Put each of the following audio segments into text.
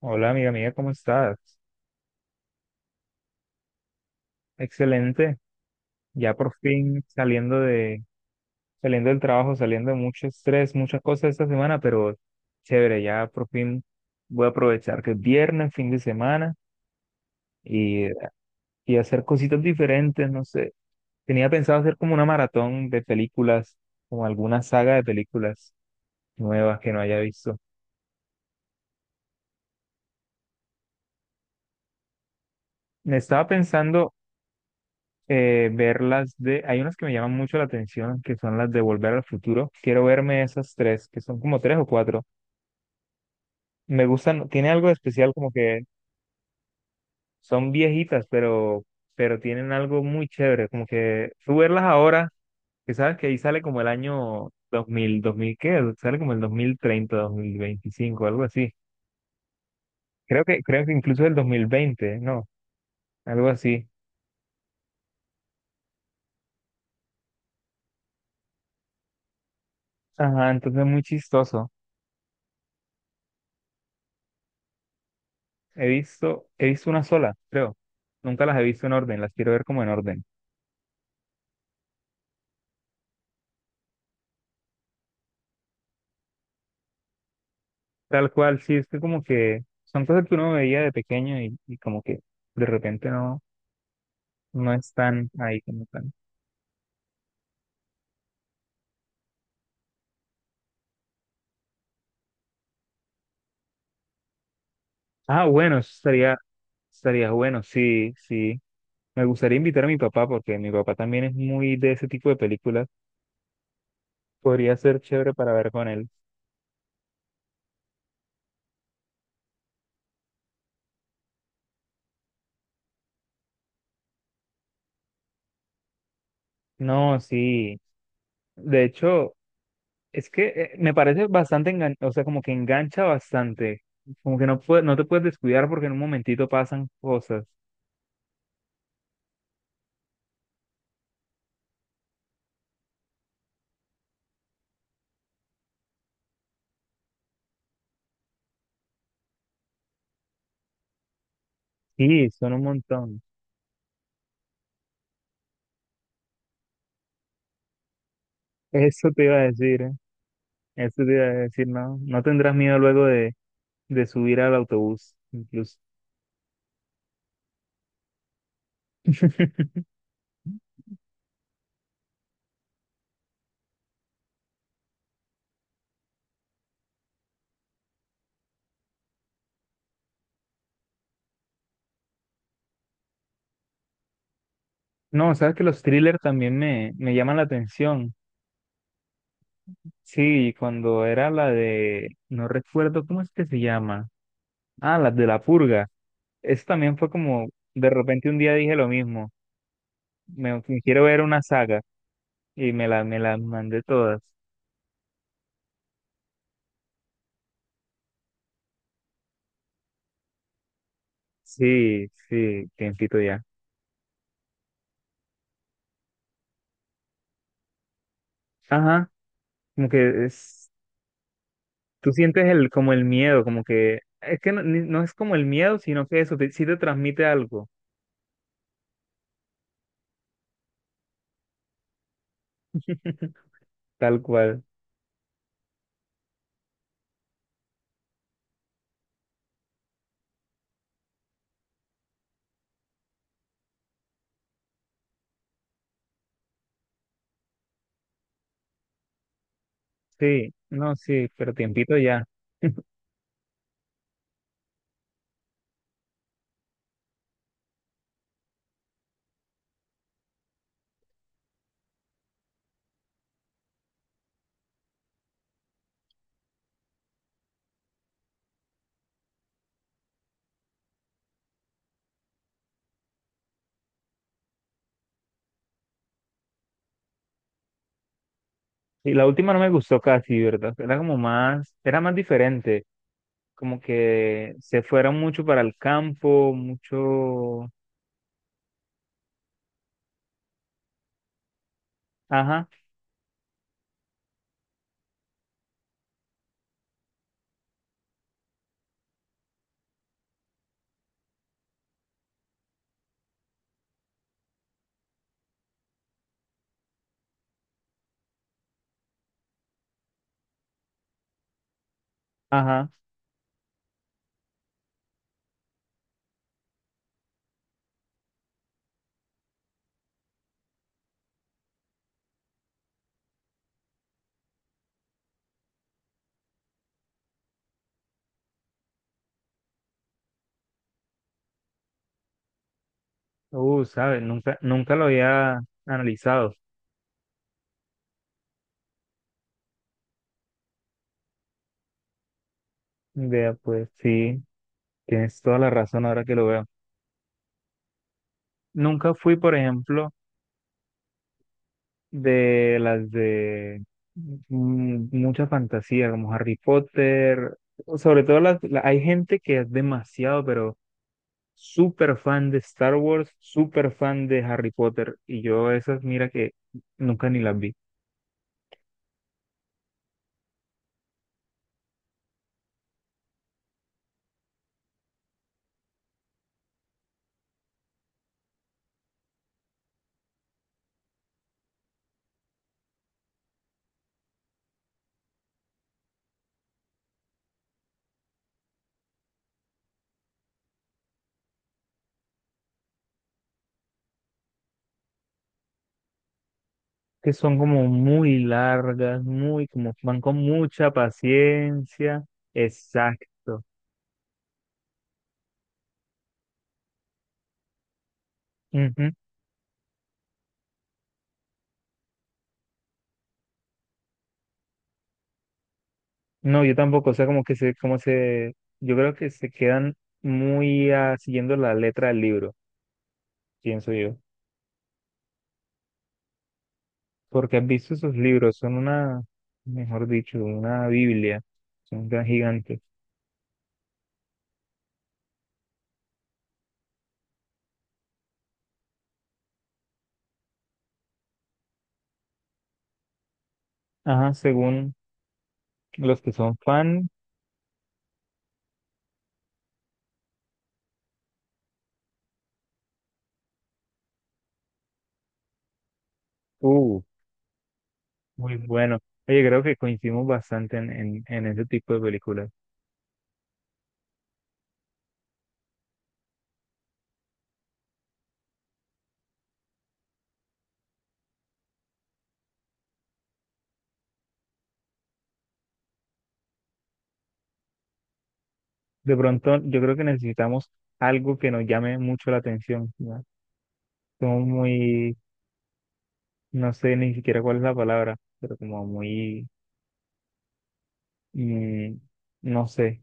Hola amiga mía, ¿cómo estás? Excelente, ya por fin saliendo del trabajo, saliendo de mucho estrés, muchas cosas esta semana, pero chévere, ya por fin voy a aprovechar que es viernes, fin de semana y, y hacer cositas diferentes, no sé. Tenía pensado hacer como una maratón de películas, como alguna saga de películas nuevas que no haya visto. Me estaba pensando ver hay unas que me llaman mucho la atención, que son las de Volver al Futuro. Quiero verme esas tres, que son como tres o cuatro. Me gustan, tiene algo de especial como que son viejitas, pero tienen algo muy chévere, como que tú verlas ahora, que sabes que ahí sale como el año dos mil ¿qué? Sale como el 2030 2025 algo así. Creo que incluso el 2020, ¿no? Algo así. Ajá, entonces es muy chistoso. He visto una sola, creo. Nunca las he visto en orden, las quiero ver como en orden. Tal cual, sí, es que como que son cosas que uno veía de pequeño y como que de repente no, no están ahí como están. Ah, bueno, eso estaría bueno, sí, sí. Me gustaría invitar a mi papá porque mi papá también es muy de ese tipo de películas. Podría ser chévere para ver con él. No, sí. De hecho, es que me parece bastante o sea, como que engancha bastante. Como que no te puedes descuidar porque en un momentito pasan cosas. Sí, son un montón. Eso te iba a decir, ¿eh? Eso te iba a decir, no, no tendrás miedo luego de subir al autobús, incluso. No, sabes que los thrillers también me llaman la atención. Sí, cuando era la de, no recuerdo cómo es que se llama. Ah, la de La Purga. Eso también fue como, de repente un día dije lo mismo. Me quiero ver una saga. Y me las mandé todas. Sí, sí, tiempito ya. Ajá, como que es, tú sientes como el miedo, como que, es que no, no es como el miedo, sino que sí te transmite algo, tal cual. Sí, no, sí, pero tiempito ya. Y la última no me gustó casi, ¿verdad? Era más diferente, como que se fueron mucho para el campo, mucho, ajá, ajá, ¿sabes? Nunca lo había analizado. Vea, pues sí, tienes toda la razón ahora que lo veo. Nunca fui, por ejemplo, de las de mucha fantasía, como Harry Potter, o sobre todo hay gente que es demasiado, pero súper fan de Star Wars, súper fan de Harry Potter, y yo esas, mira que nunca ni las vi, que son como muy largas, muy, como van con mucha paciencia. Exacto. No, yo tampoco, o sea, como que yo creo que se quedan muy siguiendo la letra del libro, pienso yo, porque has visto esos libros, son una, mejor dicho, una Biblia, son tan gigantes. Ajá, según los que son fan. uh, Muy bueno. Oye, creo que coincidimos bastante en ese tipo de películas. De pronto, yo creo que necesitamos algo que nos llame mucho la atención, ¿no? Somos muy, no sé ni siquiera cuál es la palabra, pero como muy Mm, no sé,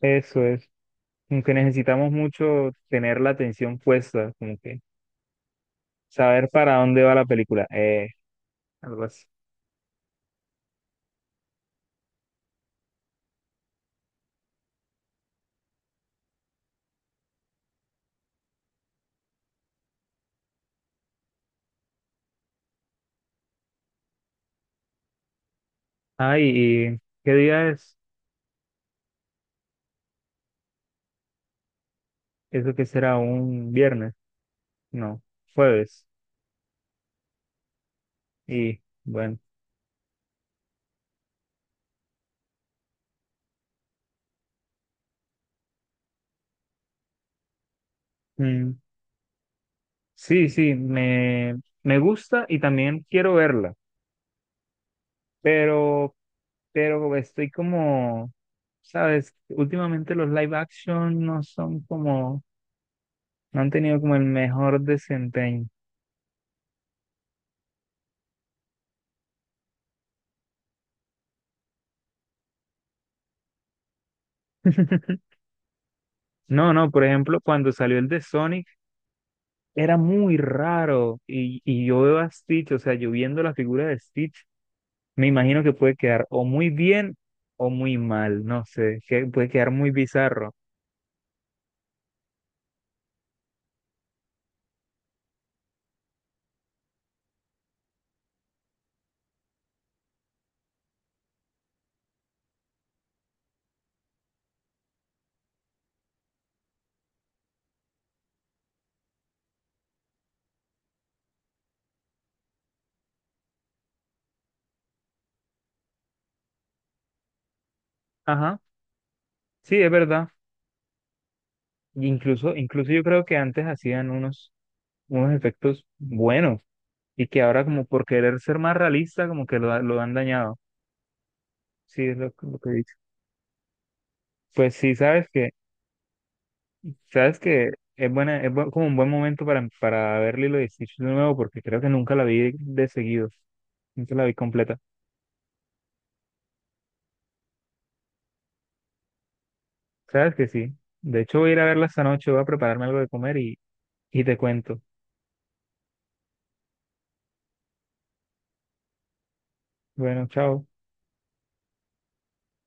eso es. Como que necesitamos mucho tener la atención puesta, como que saber para dónde va la película. Algo así. Ay, ¿y qué día es? ¿Eso que será un viernes? No, jueves. Y bueno, mm, sí, sí, me gusta y también quiero verla, pero, pero estoy como, ¿sabes? Últimamente los live action no son como. No han tenido como el mejor desempeño. No, no, por ejemplo, cuando salió el de Sonic, era muy raro. Y yo veo a Stitch, o sea, yo viendo la figura de Stitch, me imagino que puede quedar o muy bien o muy mal, no sé, que puede quedar muy bizarro. Ajá, sí, es verdad. Y incluso yo creo que antes hacían unos efectos buenos y que ahora como por querer ser más realista, como que lo han dañado. Sí, es lo que he dicho. Pues sí, sabes que es buena, como un buen momento para ver Lilo y Stitch de nuevo, porque creo que nunca la vi de seguido, nunca la vi completa. Sabes que sí. De hecho, voy a ir a verla esta noche, voy a prepararme algo de comer y te cuento. Bueno, chao.